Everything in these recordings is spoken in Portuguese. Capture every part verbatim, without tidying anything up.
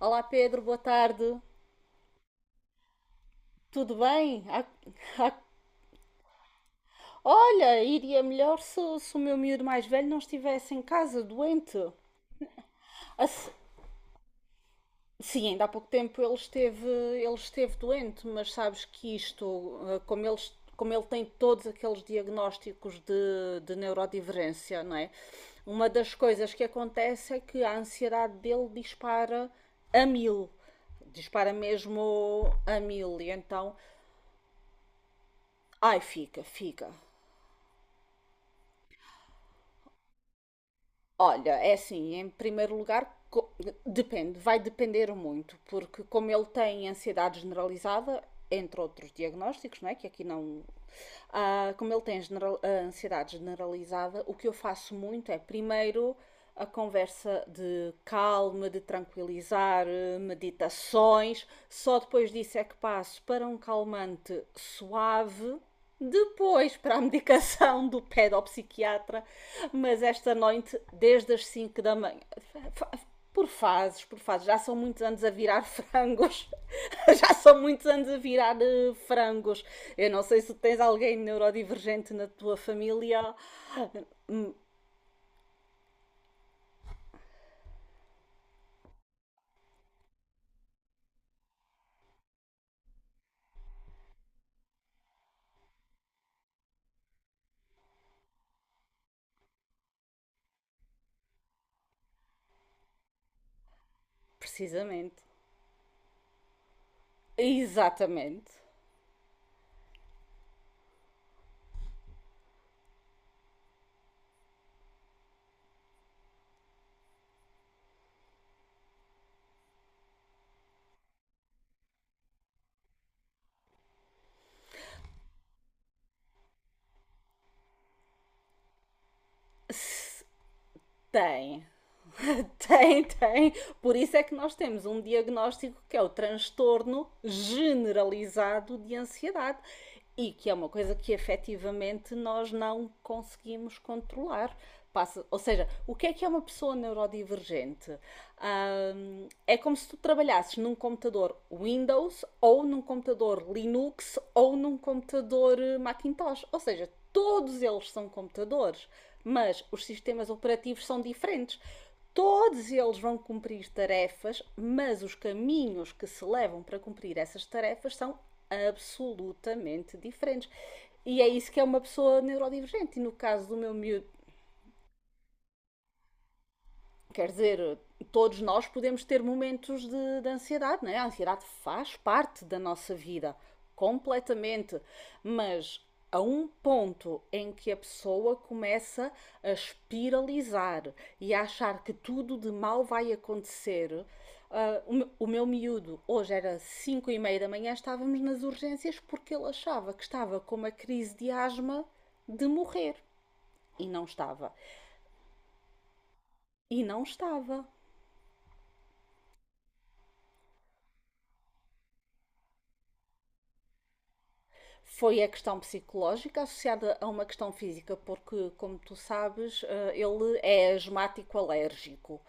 Olá Pedro, boa tarde. Tudo bem? Ah, ah, Olha, iria melhor se, se o meu miúdo mais velho não estivesse em casa doente. Ah, se- sim, ainda há pouco tempo ele esteve, ele esteve doente, mas sabes que isto, ah, como ele, como ele tem todos aqueles diagnósticos de, de neurodivergência, não é? Uma das coisas que acontece é que a ansiedade dele dispara a mil, dispara mesmo a mil e então ai fica, fica. Olha, é assim, em primeiro lugar, co- depende, vai depender muito, porque como ele tem ansiedade generalizada, entre outros diagnósticos, não é? Que aqui não. Ah, como ele tem general- a ansiedade generalizada, o que eu faço muito é primeiro a conversa de calma, de tranquilizar, eh, meditações, só depois disso é que passo para um calmante suave, depois para a medicação do pedopsiquiatra, mas esta noite desde as cinco da manhã. Por fases, por fases. Já são muitos anos a virar frangos. Já são muitos anos a virar eh, frangos. Eu não sei se tens alguém neurodivergente na tua família. Precisamente. Exatamente. Tem. Tem, tem. Por isso é que nós temos um diagnóstico que é o transtorno generalizado de ansiedade e que é uma coisa que efetivamente nós não conseguimos controlar. Passa, ou seja, o que é que é uma pessoa neurodivergente? Hum, é como se tu trabalhasses num computador Windows ou num computador Linux ou num computador eh, Macintosh. Ou seja, todos eles são computadores, mas os sistemas operativos são diferentes. Todos eles vão cumprir tarefas, mas os caminhos que se levam para cumprir essas tarefas são absolutamente diferentes. E é isso que é uma pessoa neurodivergente. E no caso do meu miúdo, quer dizer, todos nós podemos ter momentos de, de ansiedade, não é? A ansiedade faz parte da nossa vida, completamente. Mas a um ponto em que a pessoa começa a espiralizar e a achar que tudo de mal vai acontecer. Ah, o meu miúdo, hoje era cinco e meia da manhã, estávamos nas urgências porque ele achava que estava com uma crise de asma de morrer. E não estava. E não estava. Foi a questão psicológica associada a uma questão física, porque, como tu sabes, eh, ele é asmático alérgico.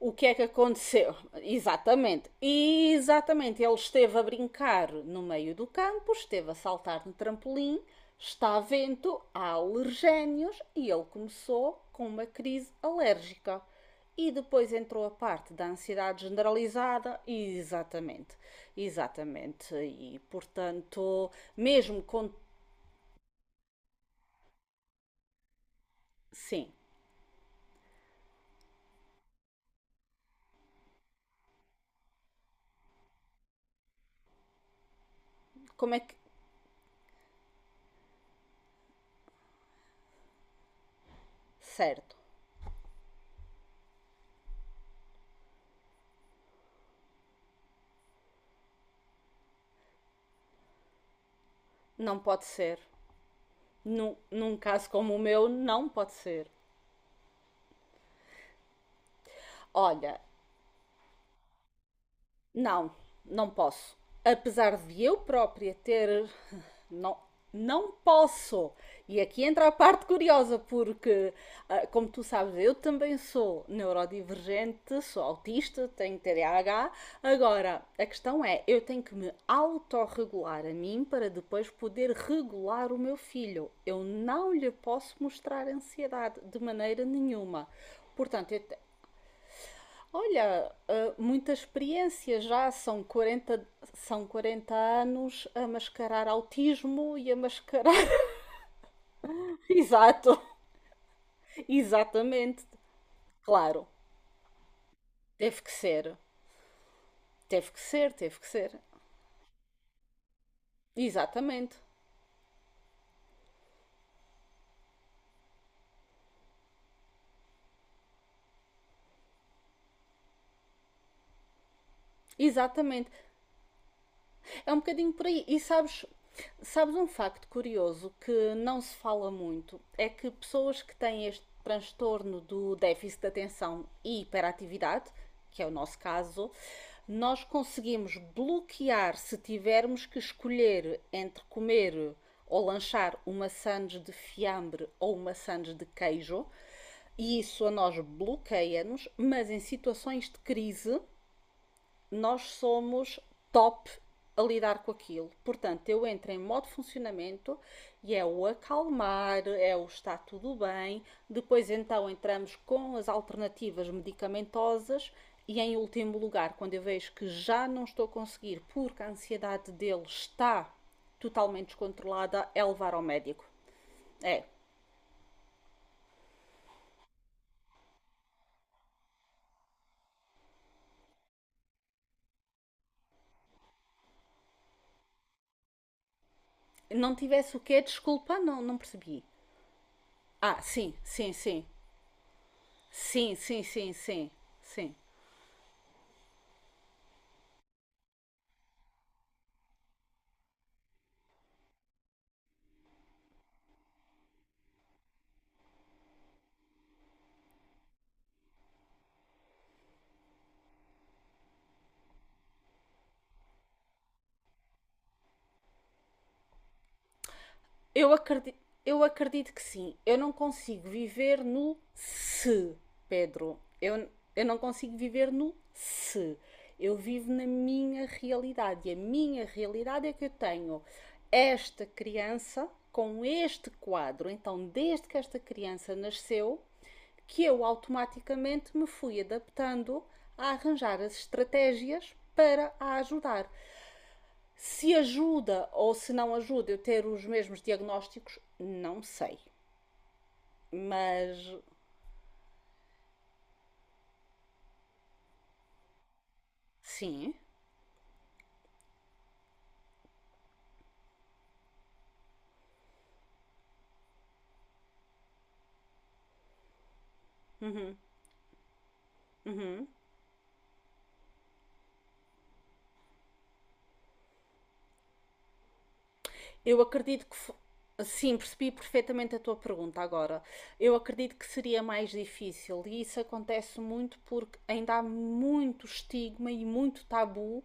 O que é que aconteceu? Exatamente. Exatamente, ele esteve a brincar no meio do campo, esteve a saltar no trampolim, está a vento, há alergénios e ele começou com uma crise alérgica. E depois entrou a parte da ansiedade generalizada, e exatamente, exatamente. E portanto, mesmo com. Sim, como é que. Certo, não pode ser. Num, num caso como o meu, não pode ser. Olha, não, não posso. Apesar de eu própria ter. Não, não posso. E aqui entra a parte curiosa, porque, ah, como tu sabes, eu também sou neurodivergente, sou autista, tenho T D A H. Agora, a questão é, eu tenho que me autorregular a mim para depois poder regular o meu filho. Eu não lhe posso mostrar ansiedade de maneira nenhuma. Portanto, eu Olha, ah, muita experiência já, são quarenta são quarenta anos a mascarar autismo e a mascarar. Exato, exatamente. Claro, teve que ser, teve que ser, teve que ser. Exatamente, exatamente. É um bocadinho por aí. E sabes, sabes um facto curioso que não se fala muito? É que pessoas que têm este transtorno do déficit de atenção e hiperatividade, que é o nosso caso, nós conseguimos bloquear se tivermos que escolher entre comer ou lanchar uma sandes de fiambre ou uma sandes de queijo, e isso a nós bloqueia-nos, mas em situações de crise nós somos top a lidar com aquilo. Portanto, eu entro em modo funcionamento e é o acalmar, é o está tudo bem. Depois, então, entramos com as alternativas medicamentosas. E em último lugar, quando eu vejo que já não estou a conseguir porque a ansiedade dele está totalmente descontrolada, é levar ao médico. É. Não tivesse o quê? Desculpa, não, não percebi. Ah, sim, sim, sim. Sim, sim, sim, sim. Sim. Eu acredito, eu acredito que sim. Eu não consigo viver no se, Pedro. Eu, eu não consigo viver no se. Eu vivo na minha realidade. E a minha realidade é que eu tenho esta criança com este quadro. Então, desde que esta criança nasceu, que eu automaticamente me fui adaptando a arranjar as estratégias para a ajudar. Se ajuda ou se não ajuda eu ter os mesmos diagnósticos, não sei. Mas sim, eu acredito que. Sim, percebi perfeitamente a tua pergunta agora. Eu acredito que seria mais difícil e isso acontece muito porque ainda há muito estigma e muito tabu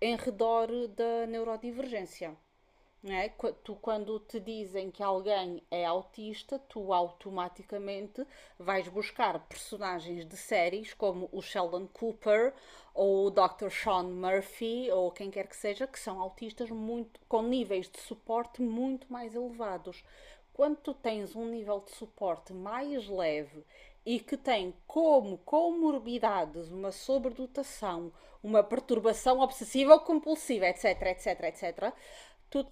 em redor da neurodivergência. Não é? Tu, quando te dizem que alguém é autista, tu automaticamente vais buscar personagens de séries como o Sheldon Cooper ou o doutor Sean Murphy ou quem quer que seja, que são autistas muito, com níveis de suporte muito mais elevados. Quando tu tens um nível de suporte mais leve e que tem como comorbidades uma sobredotação, uma perturbação obsessiva ou compulsiva, etc, etc, etc, tu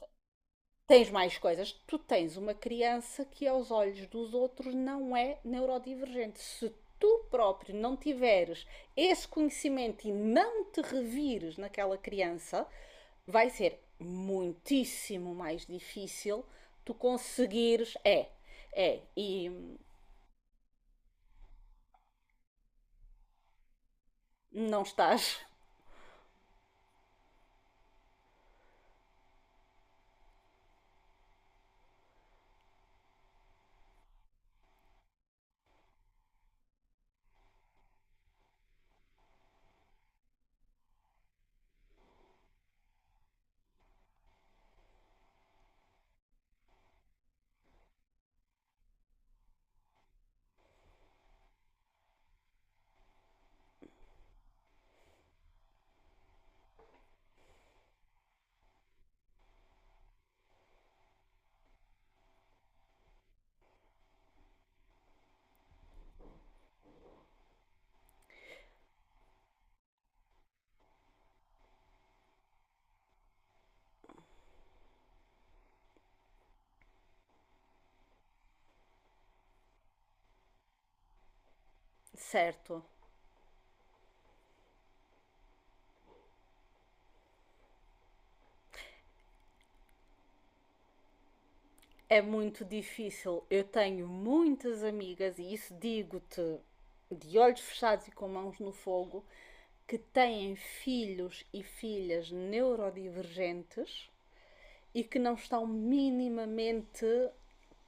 tens mais coisas. Tu tens uma criança que, aos olhos dos outros, não é neurodivergente. Se tu próprio não tiveres esse conhecimento e não te revires naquela criança, vai ser muitíssimo mais difícil tu conseguires. É, é. E não estás certo. É muito difícil. Eu tenho muitas amigas, e isso digo-te de olhos fechados e com mãos no fogo, que têm filhos e filhas neurodivergentes e que não estão minimamente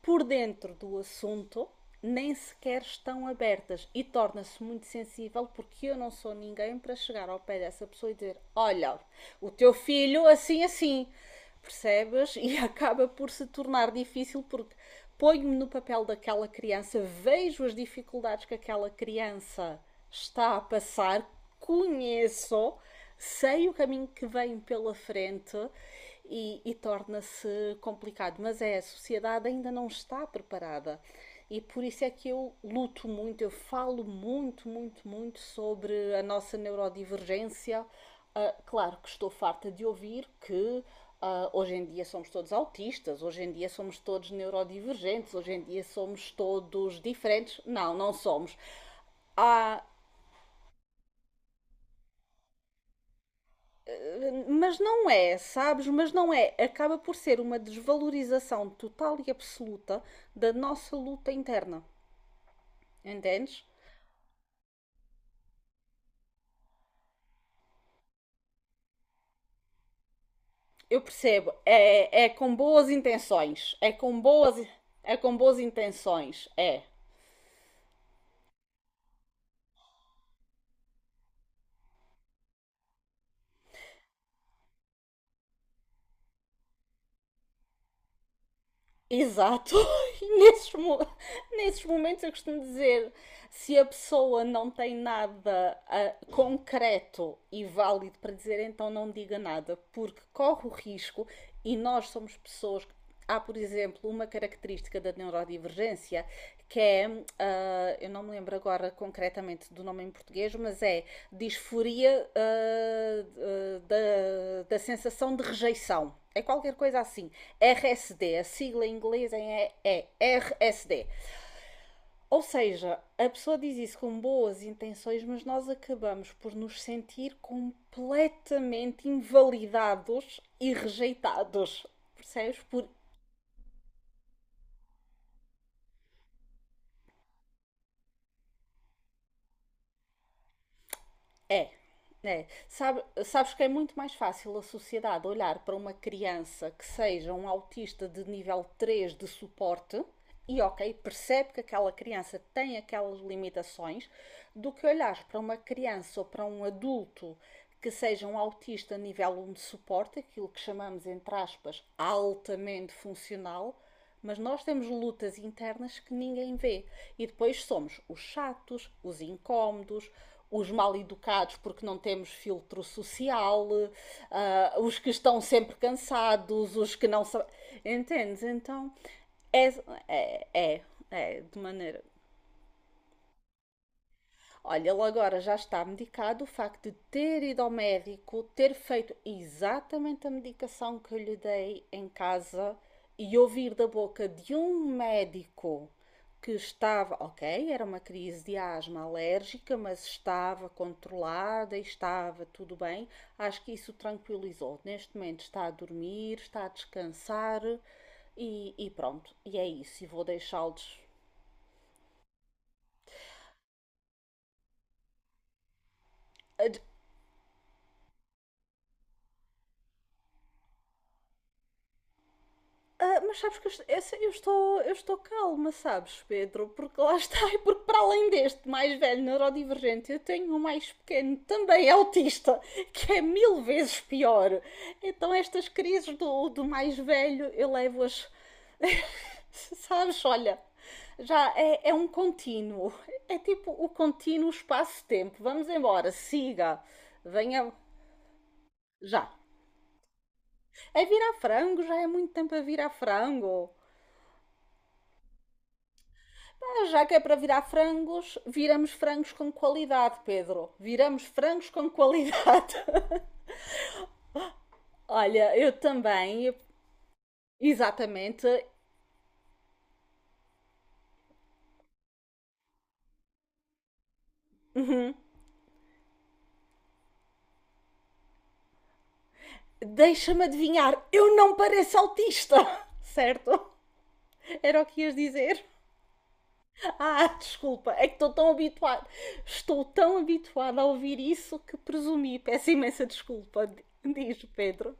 por dentro do assunto, nem sequer estão abertas e torna-se muito sensível porque eu não sou ninguém para chegar ao pé dessa pessoa e dizer: "Olha, o teu filho assim, assim, percebes?" E acaba por se tornar difícil porque ponho-me no papel daquela criança, vejo as dificuldades que aquela criança está a passar, conheço, sei o caminho que vem pela frente e, e torna-se complicado. Mas é, a sociedade ainda não está preparada. E por isso é que eu luto muito, eu falo muito, muito, muito sobre a nossa neurodivergência. Ah, claro que estou farta de ouvir que ah, hoje em dia somos todos autistas, hoje em dia somos todos neurodivergentes, hoje em dia somos todos diferentes. Não, não somos. Há Mas não é, sabes? Mas não é. Acaba por ser uma desvalorização total e absoluta da nossa luta interna. Entendes? Eu percebo. É, é com boas intenções. É com boas, é com boas intenções. É. Exato. Nesses, mo- nesses momentos eu costumo dizer, se a pessoa não tem nada ah, concreto e válido para dizer, então não diga nada, porque corre o risco e nós somos pessoas. que- Há, por exemplo, uma característica da neurodivergência que é, ah, eu não me lembro agora concretamente do nome em português, mas é disforia ah, ah, da, da sensação de rejeição. É qualquer coisa assim. R S D, a sigla em inglês é, é R S D. Ou seja, a pessoa diz isso com boas intenções, mas nós acabamos por nos sentir completamente invalidados e rejeitados. Percebes? Por É, é. Sabe- sabes que é muito mais fácil a sociedade olhar para uma criança que seja um autista de nível três de suporte e, ok, percebe que aquela criança tem aquelas limitações, do que olhar para uma criança ou para um adulto que seja um autista nível um de suporte, aquilo que chamamos, entre aspas, altamente funcional, mas nós temos lutas internas que ninguém vê. E depois somos os chatos, os incómodos, os mal educados porque não temos filtro social, uh, os que estão sempre cansados, os que não sabem. Entendes? Então é, é, é, é de maneira. Olha, ele agora já está medicado. O facto de ter ido ao médico, ter feito exatamente a medicação que eu lhe dei em casa e ouvir da boca de um médico que estava, ok, era uma crise de asma alérgica, mas estava controlada e estava tudo bem. Acho que isso tranquilizou. Neste momento está a dormir, está a descansar e, e pronto. E é isso. E vou deixá-los. Ah, mas sabes que eu, eu eu estou, eu estou calma, sabes, Pedro? Porque lá está, e porque para além deste mais velho neurodivergente, eu tenho um mais pequeno, também autista, que é mil vezes pior. Então estas crises do, do mais velho eu levo-as. Sabes, olha, já é, é um contínuo. É tipo o contínuo espaço-tempo. Vamos embora, siga, venha já. É virar frango, já é muito tempo a virar frango. Ah, Já que é para virar frangos, viramos frangos com qualidade, Pedro. Viramos frangos com qualidade. Olha, eu também, exatamente. Deixa-me adivinhar, eu não pareço autista, certo? Era o que ias dizer? Ah, desculpa, é que estou tão habituada. Estou tão habituada a ouvir isso que presumi. Peço imensa desculpa, diz Pedro.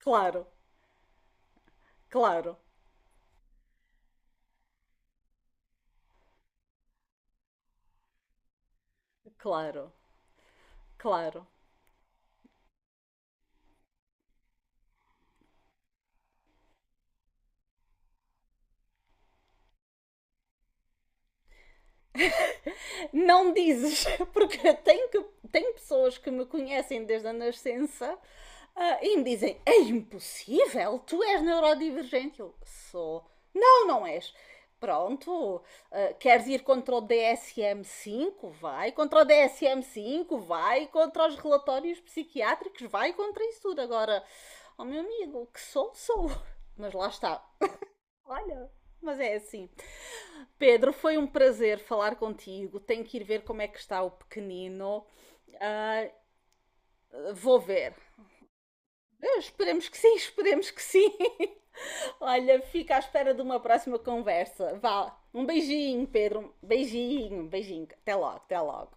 Claro, claro, claro, claro. Não dizes, porque tenho, que, tenho pessoas que me conhecem desde a nascença ah, e me dizem: "É impossível, tu és neurodivergente." Eu sou. Não, não és. Pronto, ah, queres ir contra o D S M cinco. Vai contra o D S M cinco, vai contra os relatórios psiquiátricos, vai contra isso tudo. Agora, ó meu amigo, que sou, sou. Mas lá está. Olha, mas é assim. Pedro, foi um prazer falar contigo. Tenho que ir ver como é que está o pequenino. Ah, Vou ver. Eh, Esperemos que sim, esperemos que sim. Olha, fica à espera de uma próxima conversa. Vá, um beijinho, Pedro. Beijinho, beijinho. Até logo, até logo.